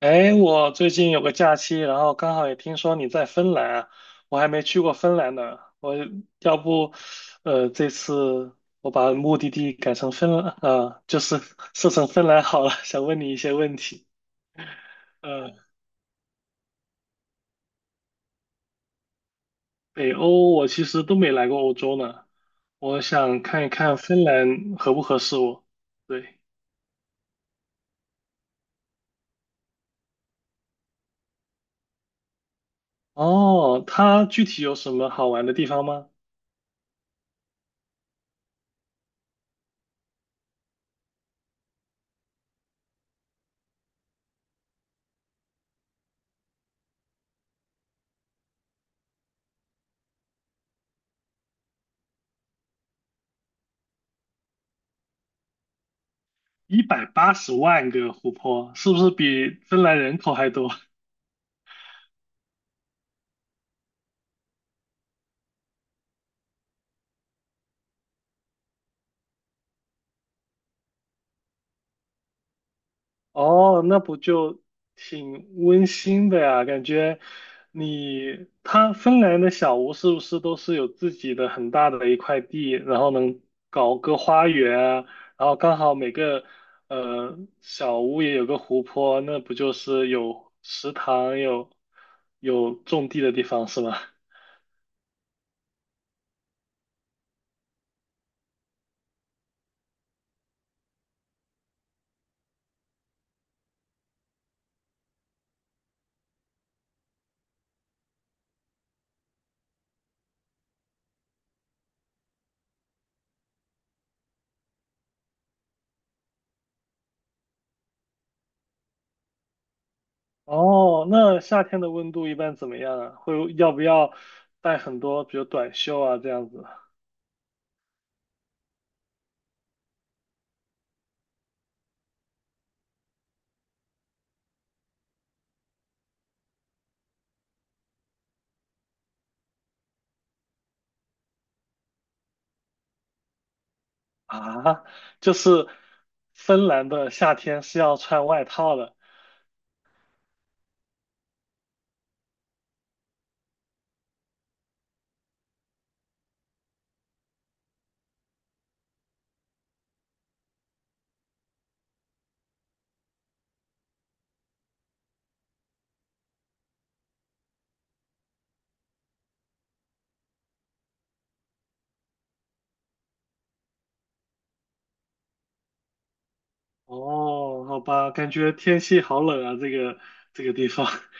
哎，我最近有个假期，然后刚好也听说你在芬兰啊，我还没去过芬兰呢。我要不，这次我把目的地改成芬兰，啊、就是 设成芬兰好了。想问你一些问题。呃，北欧我其实都没来过欧洲呢，我想看一看芬兰合不合适我。对。哦，它具体有什么好玩的地方吗？1,800,000个湖泊，是不是比芬兰人口还多？哦，那不就挺温馨的呀？感觉你，他芬兰的小屋是不是都是有自己的很大的一块地，然后能搞个花园啊，然后刚好每个小屋也有个湖泊，那不就是有食堂，有种地的地方是吗？哦，那夏天的温度一般怎么样啊？会要不要带很多，比如短袖啊这样子？啊，就是芬兰的夏天是要穿外套的。哦，好吧，感觉天气好冷啊，这个地方。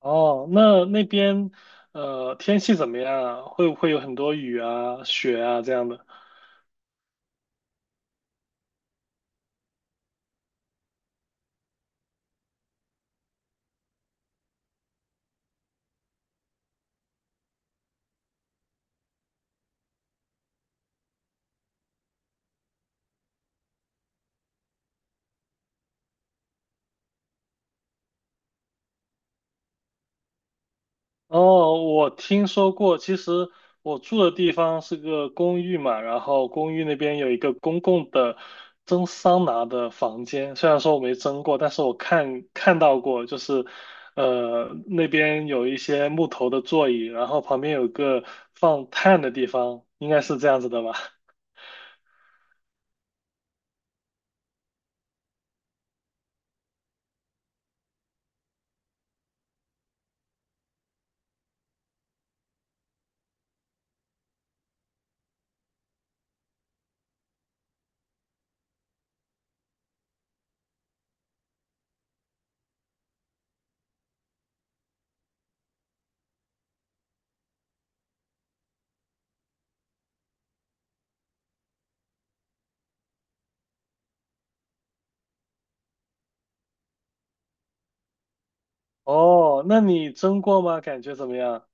哦，那边天气怎么样啊？会不会有很多雨啊、雪啊这样的？哦，我听说过。其实我住的地方是个公寓嘛，然后公寓那边有一个公共的蒸桑拿的房间。虽然说我没蒸过，但是我看到过，就是那边有一些木头的座椅，然后旁边有个放炭的地方，应该是这样子的吧？哦，那你蒸过吗？感觉怎么样？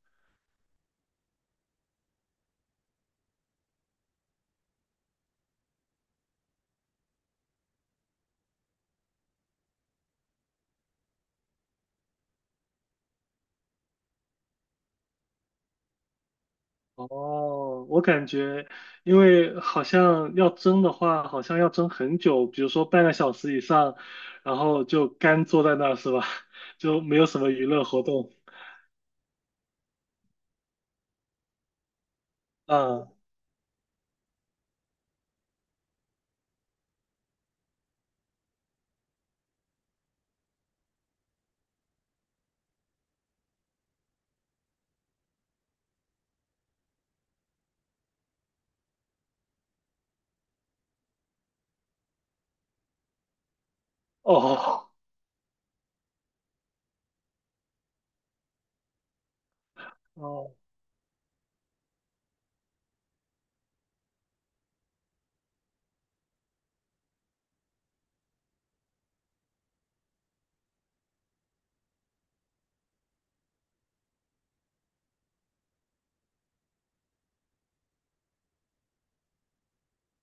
哦，我感觉，因为好像要蒸的话，好像要蒸很久，比如说半个小时以上，然后就干坐在那儿是吧？就没有什么娱乐活动。嗯。哦。哦，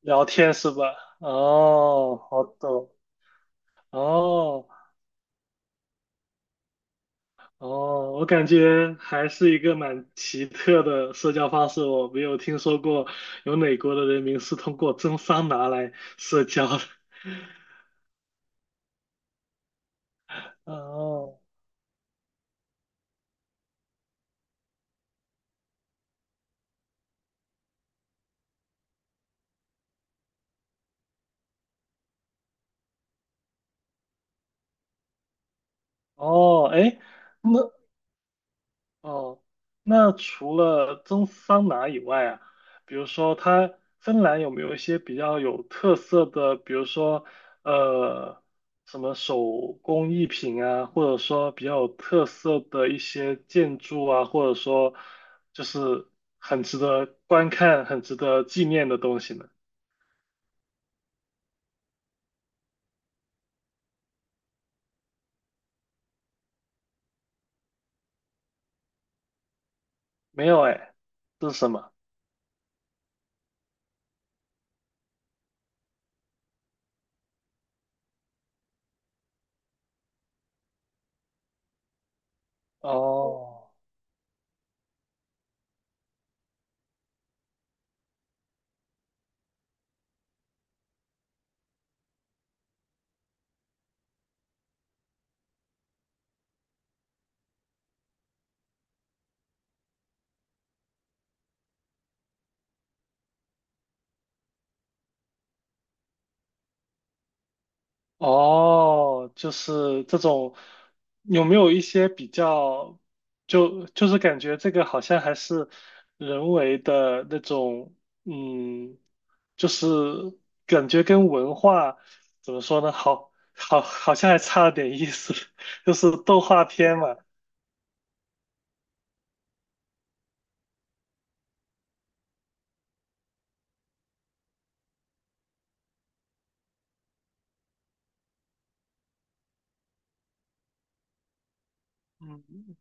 聊天是吧？哦，好的。哦。哦，我感觉还是一个蛮奇特的社交方式，我没有听说过有哪国的人民是通过蒸桑拿来社交的。哦。哦，哎，那哦，那除了蒸桑拿以外啊，比如说它芬兰有没有一些比较有特色的，比如说呃什么手工艺品啊，或者说比较有特色的一些建筑啊，或者说就是很值得观看、很值得纪念的东西呢？没有哎，这是什么？哦。哦，就是这种，有没有一些比较，就是感觉这个好像还是人为的那种，嗯，就是感觉跟文化怎么说呢，好像还差了点意思，就是动画片嘛。嗯，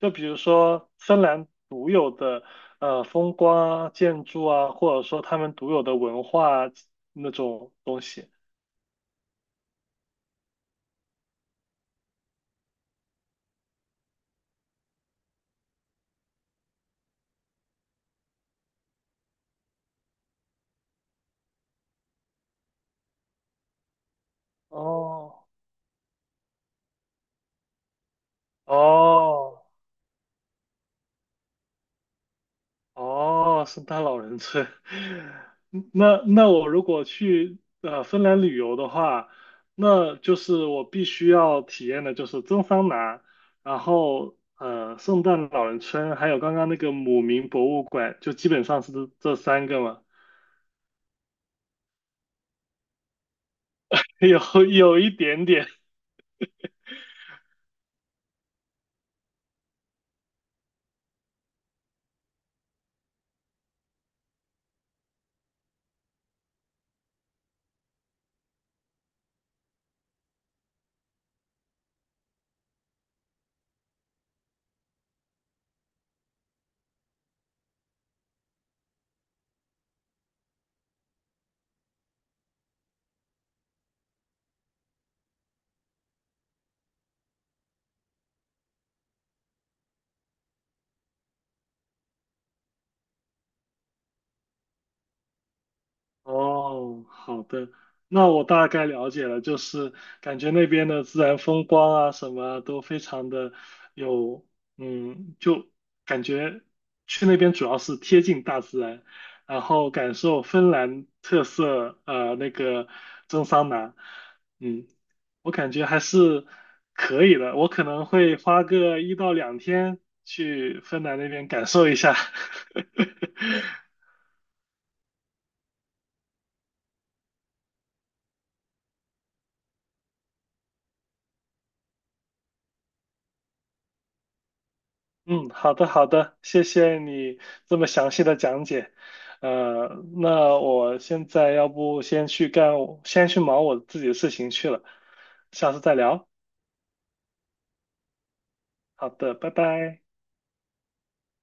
就比如说芬兰独有的风光啊建筑啊，或者说他们独有的文化那种东西。哦。哦哦，圣诞老人村。那我如果去芬兰旅游的话，那就是我必须要体验的就是蒸桑拿，然后圣诞老人村，还有刚刚那个姆明博物馆，就基本上是这三个嘛。有有一点点。哦，好的，那我大概了解了，就是感觉那边的自然风光啊，什么啊都非常的有，嗯，就感觉去那边主要是贴近大自然，然后感受芬兰特色，那个蒸桑拿，嗯，我感觉还是可以的，我可能会花个一到两天去芬兰那边感受一下。嗯，好的，好的，谢谢你这么详细的讲解。呃，那我现在要不先去忙我自己的事情去了，下次再聊。好的，拜拜。